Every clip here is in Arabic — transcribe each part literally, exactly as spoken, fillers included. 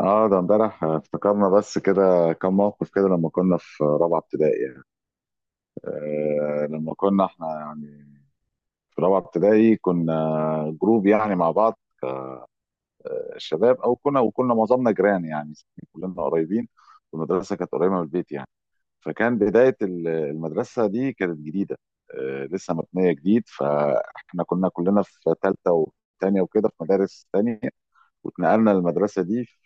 اه، ده امبارح افتكرنا بس كده كم موقف كده لما كنا في رابعه ابتدائي يعني. آه لما كنا احنا يعني في رابعه ابتدائي كنا جروب يعني مع بعض الشباب، او كنا وكنا معظمنا جيران يعني، كلنا قريبين والمدرسه كانت قريبه من البيت يعني. فكان بدايه ال- المدرسه دي كانت جديده، آه لسه مبنيه جديد. فاحنا كنا كلنا في ثالثه وثانيه وكده في مدارس ثانيه، واتنقلنا للمدرسه دي في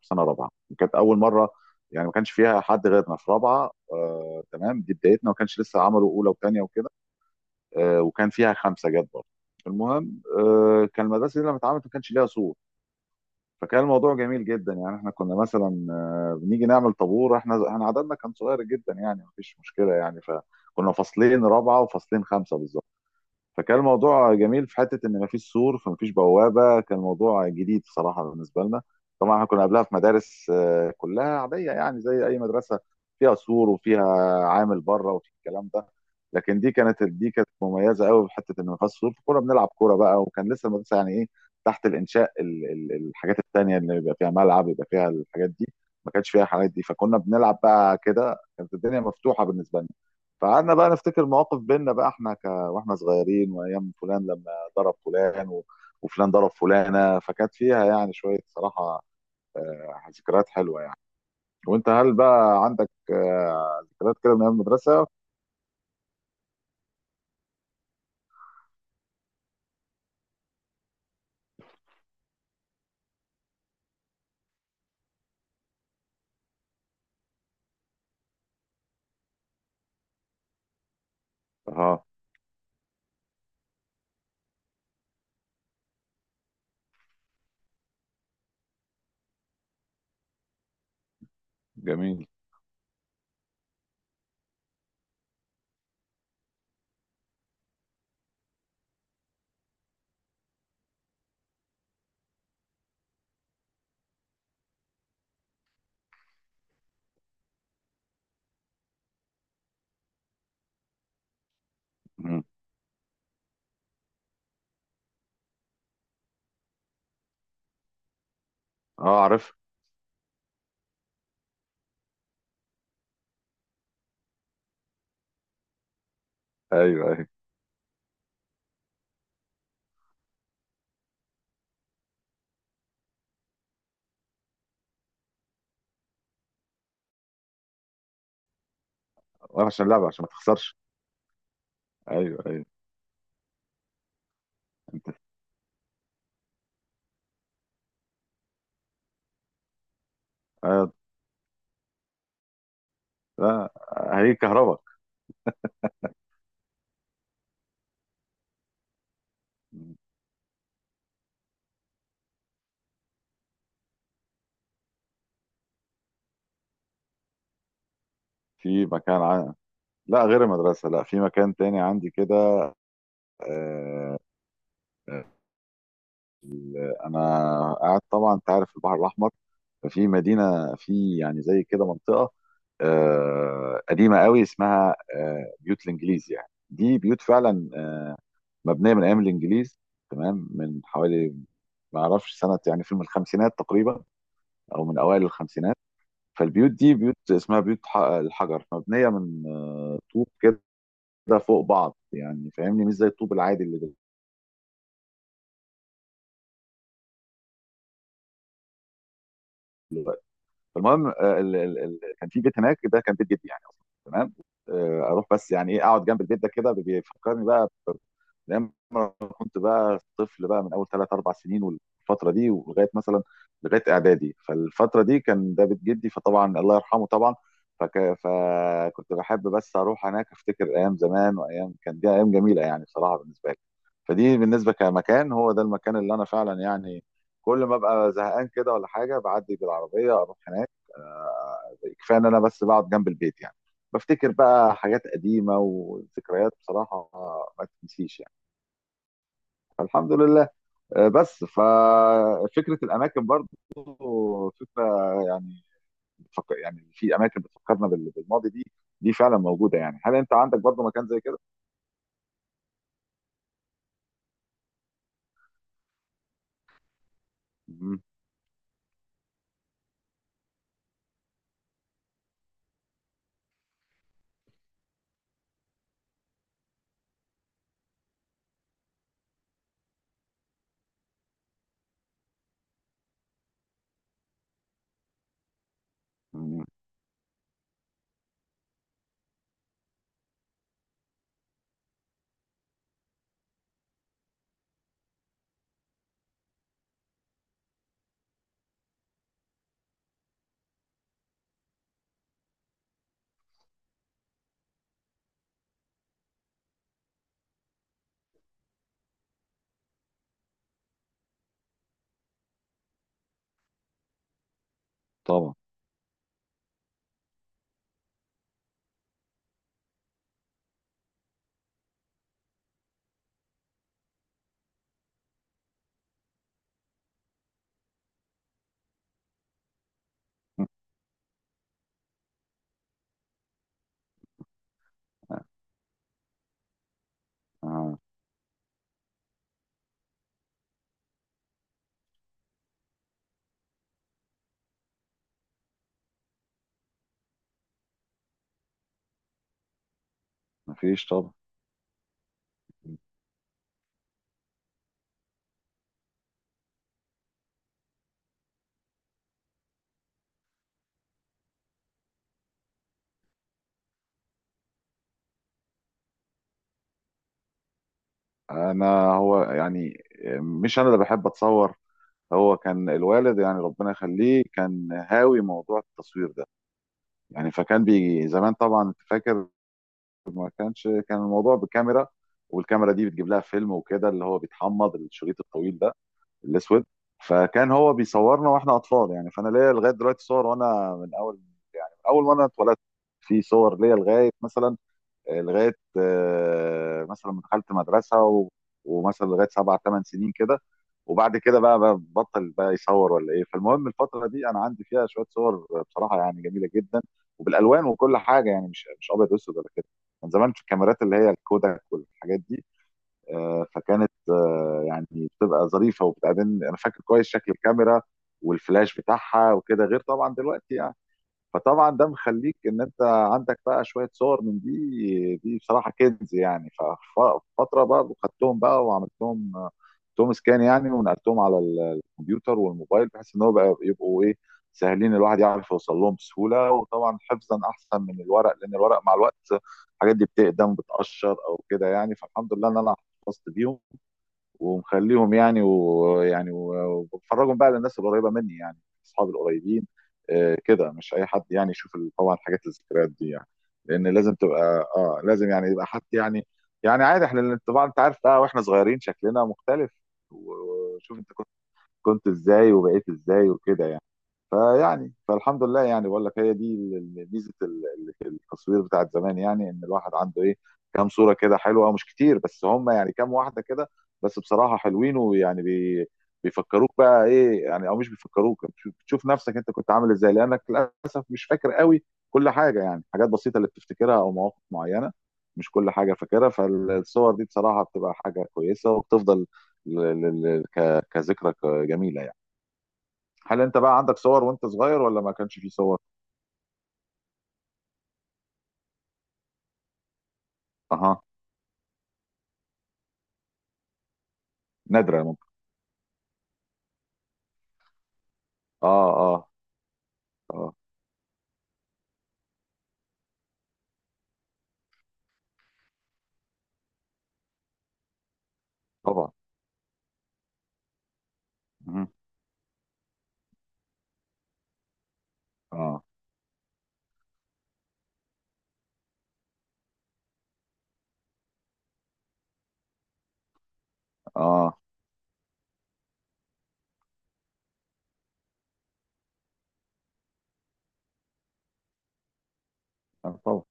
في سنه رابعه، وكانت اول مره يعني ما كانش فيها حد غيرنا في رابعه. آه تمام، دي بدايتنا، ما كانش لسه عملوا اولى وثانيه وكده. آه وكان فيها خمسه جت برضه. المهم، آه كان المدرسه دي لما اتعملت ما كانش ليها سور، فكان الموضوع جميل جدا. يعني احنا كنا مثلا، آه، بنيجي نعمل طابور، احنا احنا عددنا كان صغير جدا يعني، ما فيش مشكله يعني. فكنا فصلين رابعه وفصلين خمسه بالظبط. فكان الموضوع جميل في حته ان مفيش سور فمفيش بوابه، كان موضوع جديد بصراحه بالنسبه لنا. طبعا احنا كنا قبلها في مدارس آه، كلها عاديه يعني زي اي مدرسه فيها سور وفيها عامل بره وفي الكلام ده. لكن دي كانت دي كانت مميزه قوي في حته ان مفيش سور، فكنا بنلعب كوره بقى. وكان لسه المدرسه يعني ايه، تحت الانشاء، ال- ال- الحاجات التانيه اللي بيبقى فيها ملعب، يبقى فيها الحاجات دي، ما كانش فيها الحاجات دي. فكنا بنلعب بقى كده، كانت الدنيا مفتوحه بالنسبه لنا. فقعدنا بقى نفتكر مواقف بينا بقى، احنا واحنا صغيرين، وايام فلان لما ضرب فلان و- وفلان ضرب فلانه. فكانت فيها يعني شويه صراحه آه، ذكريات حلوه يعني. وانت، هل بقى عندك آه، ذكريات كده من ايام المدرسه؟ اه. جميل. مم. اه، عارف. ايوه، ايوه. وانا عشان لعبه، عشان ما تخسرش. ايوه، ايوه. آه. لا، هي كهرباء. في مكان عن... لا، غير المدرسه، لا، في مكان تاني عندي كده. آه، آه، انا قاعد، طبعا انت عارف البحر الاحمر، ففي مدينه في يعني زي كده منطقه آه، قديمه قوي، اسمها آه، بيوت الانجليز، يعني دي بيوت فعلا آه، مبنيه من ايام الانجليز، تمام؟ من حوالي، ما اعرفش سنه يعني، في من الخمسينات تقريبا او من اوائل الخمسينات. فالبيوت دي بيوت اسمها بيوت ح- الحجر، مبنيه من آه، طوب كده فوق بعض يعني، فاهمني؟ مش زي الطوب العادي اللي. فالمهم، آه، ال... ال... ال... كان في بيت هناك، ده كان بيت جدي يعني اصلا، تمام. آه، اروح بس يعني ايه، اقعد جنب البيت ده كده، بيفكرني بقى ب- كنت بقى طفل بقى من اول تلاتة اربع سنين والفتره دي، ولغايه مثلا لغايه اعدادي. فالفتره دي كان ده بيت جدي، فطبعا الله يرحمه طبعا. فك... فكنت بحب بس اروح هناك، افتكر ايام زمان، وايام كان دي ايام جميله يعني بصراحه بالنسبه لي. فدي بالنسبه كمكان، هو ده المكان اللي انا فعلا يعني كل ما ابقى زهقان كده ولا حاجه بعدي بالعربيه اروح هناك. آه، كفايه ان انا بس بقعد جنب البيت يعني، بفتكر بقى حاجات قديمه وذكريات بصراحه آه، ما تنسيش يعني، فالحمد لله. آه، بس ففكره الاماكن برضو، فكره يعني، فك- يعني في اماكن بتفكرنا بال- بالماضي دي، دي فعلا موجوده يعني. هل انت عندك برضو مكان زي كده؟ مم. مم. طبعا. آه. مفيش طبعا. انا هو يعني مش انا اللي بحب اتصور، هو كان الوالد يعني ربنا يخليه كان هاوي موضوع التصوير ده يعني. فكان بيجي زمان، طبعا انت فاكر، ما كانش، كان الموضوع بكاميرا، والكاميرا دي بتجيب لها فيلم وكده، اللي هو بيتحمض، الشريط الطويل ده الاسود. فكان هو بيصورنا واحنا اطفال يعني. فانا ليا لغايه دلوقتي صور، وانا من اول اول ما انا اتولدت، في صور ليا لغايه مثلا، لغايه آه، مثلا ما دخلت مدرسه و... ومثلا لغايه سبع ثمان سنين كده. وبعد كده بقى بقى بطل بقى يصور ولا ايه. فالمهم الفتره دي انا عندي فيها شويه صور بصراحه يعني جميله جدا، وبالالوان وكل حاجه يعني، مش مش ابيض واسود ولا كده. كان زمان في الكاميرات اللي هي الكوداك والحاجات دي آه، فكانت آه، يعني بتبقى ظريفه، وبتقابلني انا فاكر كويس شكل الكاميرا والفلاش بتاعها وكده، غير طبعا دلوقتي يعني. فطبعا ده مخليك ان انت عندك بقى شويه صور من دي، دي بصراحه كنز يعني. ففتره بقى خدتهم بقى وعملتهم توم سكان يعني، ونقلتهم على ال- الكمبيوتر والموبايل، بحيث ان هو بقى يبقوا ايه، سهلين، الواحد يعرف يوصل لهم بسهوله. وطبعا حفظا احسن من الورق، لان الورق مع الوقت الحاجات دي بتقدم بتقشر او كده يعني. فالحمد لله ان انا حفظت بيهم ومخليهم يعني، ويعني وبفرجهم بقى للناس القريبه مني يعني، اصحابي القريبين آه، كده، مش اي حد يعني يشوف ال- طبعا حاجات الذكريات دي يعني، لان لازم تبقى، اه لازم يعني يبقى حد يعني، يعني عادي. احنا طبعا انت عارف بقى، واحنا صغيرين شكلنا مختلف، وشوف انت كنت كنت ازاي وبقيت ازاي وكده يعني. فيعني فالحمد لله يعني، بقول لك هي دي ال- ال- ميزه ال- ال- التصوير بتاعت زمان يعني، ان الواحد عنده ايه، كام صوره كده حلوه، مش كتير بس هم يعني كام واحده كده، بس بصراحه حلوين، ويعني بي بيفكروك بقى ايه يعني، او مش بيفكروك، بتشوف بتشوف نفسك انت كنت عامل ازاي، لانك للاسف مش فاكر قوي كل حاجه يعني. حاجات بسيطه اللي بتفتكرها، او مواقف معينه، مش كل حاجه فاكرها. فالصور دي بصراحه بتبقى حاجه كويسه، وبتفضل ل- ل- ل- ك- كذكرى جميله يعني. هل انت بقى عندك صور وانت صغير، ولا ما كانش فيه صور؟ اها. نادرة ممكن. اه، اه. اه. طبعا. مهم. اه، اه. آه، طبعا.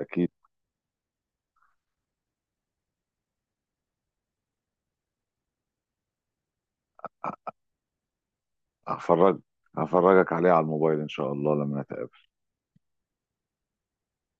اكيد. هفرج هفرجك عليه على الموبايل ان شاء الله لما نتقابل.